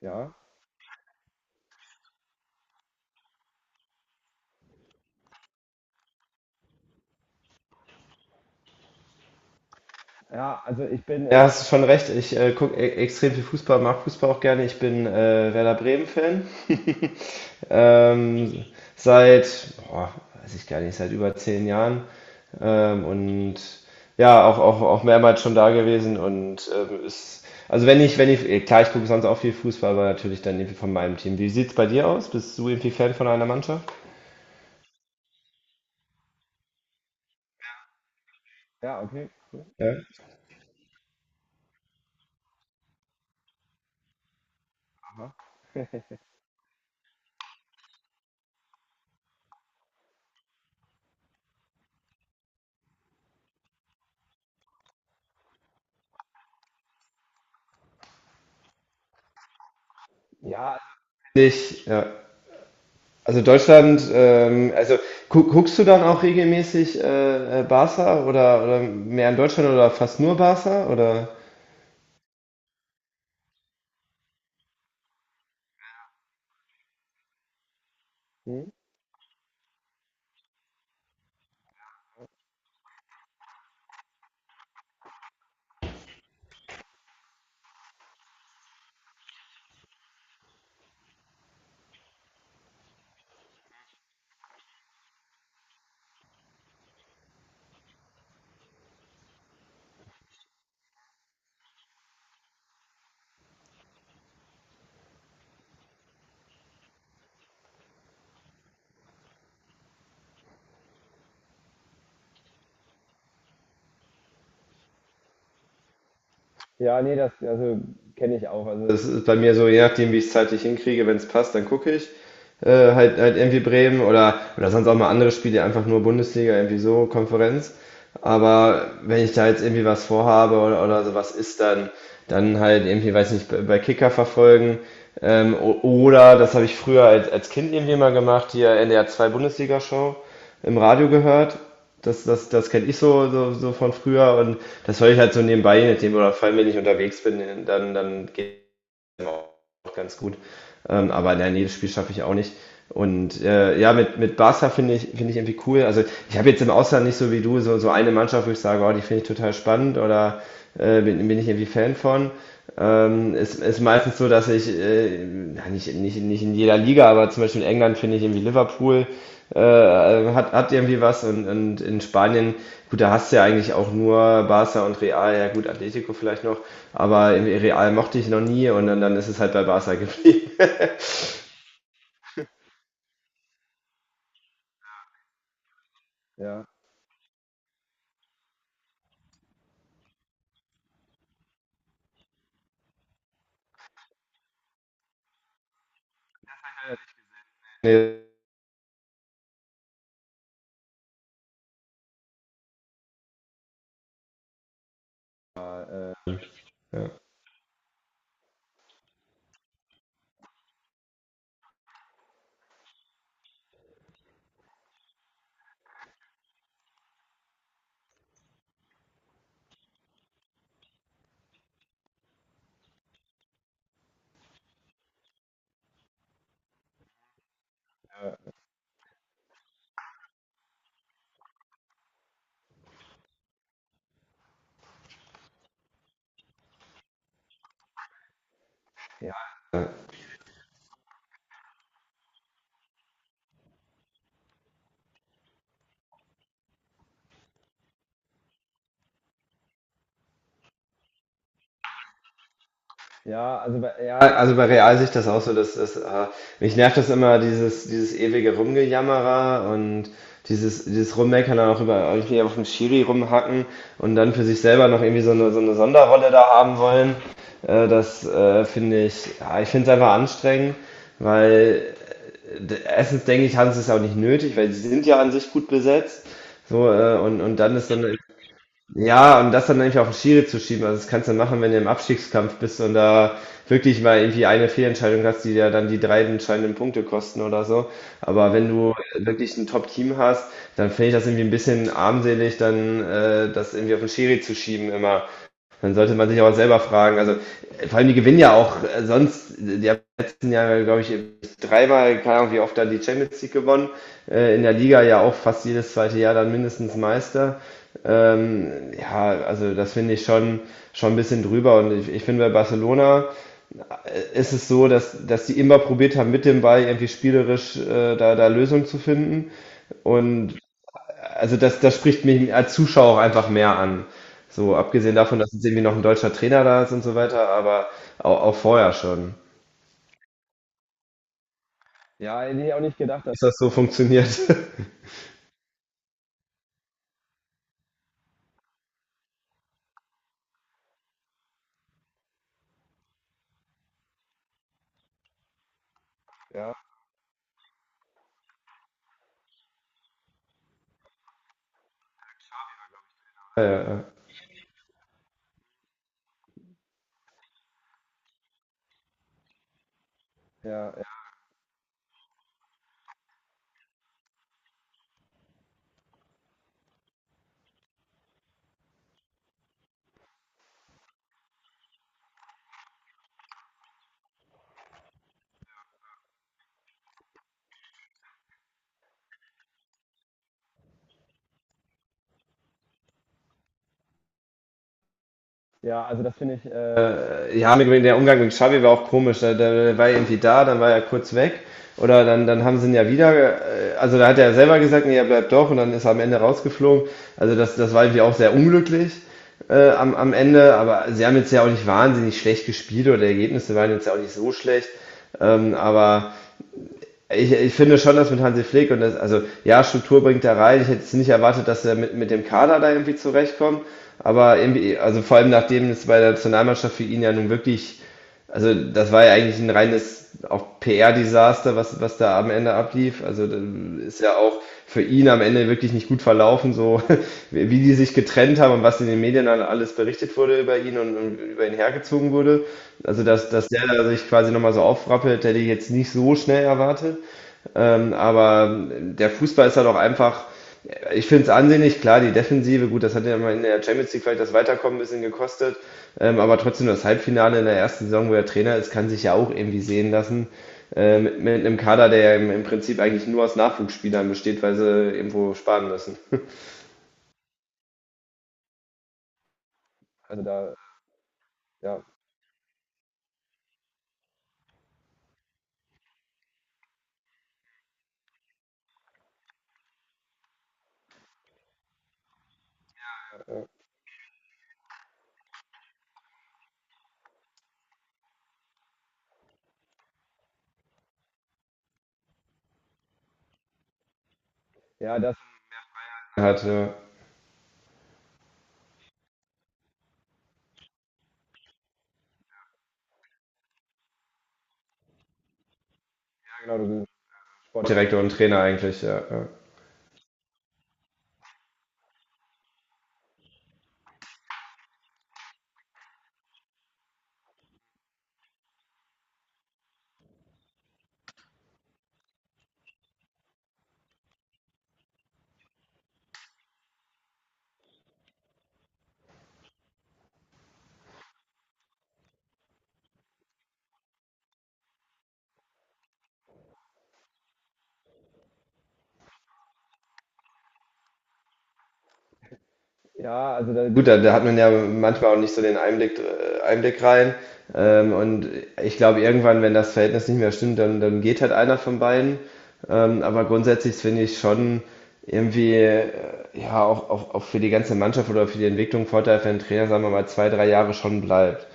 Ja, ja, also ja, hast du schon recht. Ich gucke e extrem viel Fußball, mag Fußball auch gerne. Ich bin Werder Bremen-Fan. Ähm, seit, boah, weiß ich gar nicht, seit über 10 Jahren. Und ja, auch mehrmals schon da gewesen. Also wenn ich, klar, ich gucke sonst auch viel Fußball, aber natürlich dann irgendwie von meinem Team. Wie sieht's bei dir aus? Bist du irgendwie Fan von einer Mannschaft? Ja, okay, cool. Ja. Aha. Ja, ja. Also Deutschland, also gu guckst du dann auch regelmäßig Barca oder mehr in Deutschland oder fast nur Barca oder? Ja, nee, das also kenne ich auch. Also das ist bei mir so, je nachdem, wie ich es zeitlich hinkriege, wenn es passt, dann gucke ich halt irgendwie Bremen oder sonst auch mal andere Spiele, einfach nur Bundesliga, irgendwie so Konferenz. Aber wenn ich da jetzt irgendwie was vorhabe oder sowas ist, dann halt irgendwie, weiß nicht, bei Kicker verfolgen. Oder, das habe ich früher als Kind irgendwie mal gemacht, hier NDR 2 Bundesliga-Show im Radio gehört. Das kenne ich so, von früher, und das höre ich halt so nebenbei, je nachdem, oder vor allem, wenn ich unterwegs bin, dann, geht es auch ganz gut. Aber nein, jedes Spiel schaffe ich auch nicht. Und ja, mit Barca finde ich irgendwie cool. Also ich habe jetzt im Ausland nicht so wie du so eine Mannschaft, wo ich sage, oh, die finde ich total spannend, oder bin ich irgendwie Fan von. Ist meistens so, dass ich, ja, nicht in jeder Liga, aber zum Beispiel in England finde ich irgendwie Liverpool. Hat irgendwie was, und in Spanien, gut, da hast du ja eigentlich auch nur Barca und Real, ja gut, Atletico vielleicht noch, aber irgendwie Real mochte ich noch nie, und dann ist es halt bei Barca geblieben. Ja. Nee, ja. Ja. Ja, ja, also bei Real sehe ich das auch so, dass mich nervt das immer, dieses ewige Rumgejammerer und dieses Rummeckern dann auch, über irgendwie auf dem Schiri rumhacken, und dann für sich selber noch irgendwie so eine Sonderrolle da haben wollen. Das finde ich, ja, Ich finde es einfach anstrengend, weil erstens denke ich, haben sie es auch nicht nötig, weil sie sind ja an sich gut besetzt. So, und dann ist dann ja, und das dann nämlich auf den Schiri zu schieben, also das kannst du machen, wenn du im Abstiegskampf bist und da wirklich mal irgendwie eine Fehlentscheidung hast, die dir dann die drei entscheidenden Punkte kosten oder so. Aber wenn du wirklich ein Top-Team hast, dann finde ich das irgendwie ein bisschen armselig, dann das irgendwie auf den Schiri zu schieben immer. Dann sollte man sich auch selber fragen. Also vor allem die gewinnen ja auch sonst, die haben im letzten Jahre, glaube ich, dreimal, keine Ahnung, wie oft dann die Champions League gewonnen. In der Liga ja auch fast jedes zweite Jahr dann mindestens Meister. Ja, also das finde ich schon, ein bisschen drüber. Und ich finde, bei Barcelona ist es so, dass die immer probiert haben, mit dem Ball irgendwie spielerisch da Lösungen zu finden. Und also das spricht mich als Zuschauer auch einfach mehr an. So, abgesehen davon, dass jetzt irgendwie noch ein deutscher Trainer da ist und so weiter, aber auch vorher schon. Ja, hätte ich auch nicht gedacht, dass das so funktioniert. Ja, ja, ja. Ja, ja. Ja, also das finde ich, der Umgang mit Xavi war auch komisch. Der war irgendwie da, dann war er kurz weg. Oder dann haben sie ihn ja wieder, also da hat er selber gesagt, nee, er bleibt doch, und dann ist er am Ende rausgeflogen. Also das war irgendwie auch sehr unglücklich am Ende, aber sie haben jetzt ja auch nicht wahnsinnig schlecht gespielt, oder die Ergebnisse waren jetzt ja auch nicht so schlecht. Aber ich finde schon, dass mit Hansi Flick und das, also ja, Struktur bringt er rein. Ich hätte jetzt nicht erwartet, dass er mit dem Kader da irgendwie zurechtkommt. Aber irgendwie, also vor allem nachdem es bei der Nationalmannschaft für ihn ja nun wirklich, also das war ja eigentlich ein reines auch PR-Desaster, was da am Ende ablief. Also das ist ja auch für ihn am Ende wirklich nicht gut verlaufen, so wie die sich getrennt haben und was in den Medien dann alles berichtet wurde über ihn, und über ihn hergezogen wurde. Also dass der da sich quasi nochmal so aufrappelt, hätte ich jetzt nicht so schnell erwartet. Aber der Fußball ist halt auch einfach, ich finde es ansehnlich, klar, die Defensive, gut, das hat ja mal in der Champions League vielleicht das Weiterkommen ein bisschen gekostet. Aber trotzdem das Halbfinale in der ersten Saison, wo er Trainer ist, kann sich ja auch irgendwie sehen lassen. Mit einem Kader, der ja im Prinzip eigentlich nur aus Nachwuchsspielern besteht, weil sie irgendwo sparen müssen. Also da, ja, ja, ja, ja, genau, du bist Sportdirektor und Trainer eigentlich, ja. Ja. Ja, also da, gut, da hat man ja manchmal auch nicht so den Einblick rein. Und ich glaube, irgendwann, wenn das Verhältnis nicht mehr stimmt, dann, geht halt einer von beiden. Aber grundsätzlich finde ich schon irgendwie, ja, auch für die ganze Mannschaft oder für die Entwicklung Vorteil, wenn ein Trainer, sagen wir mal, 2, 3 Jahre schon bleibt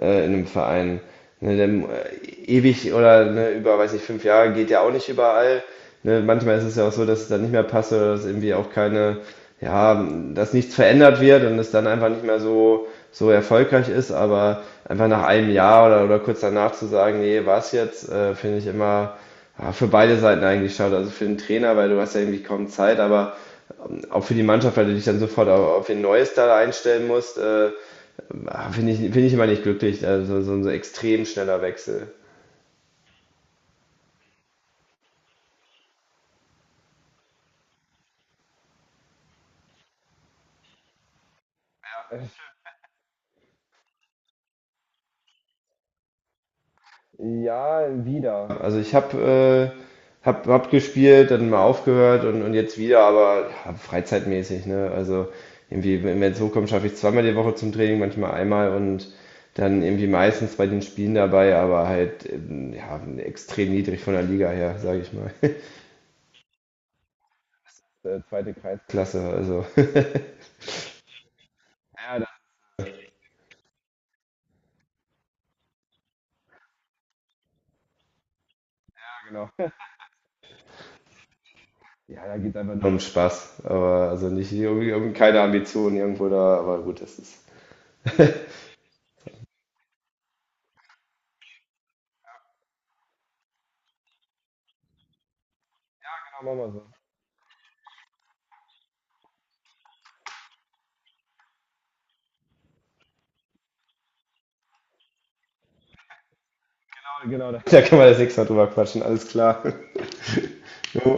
in einem Verein. Ne, denn, ewig, oder ne, über, weiß nicht, 5 Jahre geht ja auch nicht überall. Ne, manchmal ist es ja auch so, dass es dann nicht mehr passt, oder dass irgendwie auch keine ja, dass nichts verändert wird und es dann einfach nicht mehr so erfolgreich ist, aber einfach nach einem Jahr oder kurz danach zu sagen, nee, war's jetzt, finde ich immer, ja, für beide Seiten eigentlich schade. Also für den Trainer, weil du hast ja irgendwie kaum Zeit, aber auch für die Mannschaft, weil du dich dann sofort auf ein neues da einstellen musst, finde ich immer nicht glücklich, also so ein so extrem schneller Wechsel. Ja, wieder. Also ich äh, hab gespielt, dann mal aufgehört, und jetzt wieder, aber ja, freizeitmäßig, ne? Also irgendwie, wenn es hochkommt, schaffe ich zweimal die Woche zum Training, manchmal einmal, und dann irgendwie meistens bei den Spielen dabei, aber halt ja, extrem niedrig von der Liga her, sage ich mal. Zweite Kreisklasse, also. Ja, da, genau. Ja, da geht einfach nur um Spaß, aber also nicht irgendwie, keine Ambitionen irgendwo da, aber gut, das ist. Ja, genau, machen wir so. Ja, genau, da Da kann man das nächste Mal drüber quatschen, alles klar. Jo.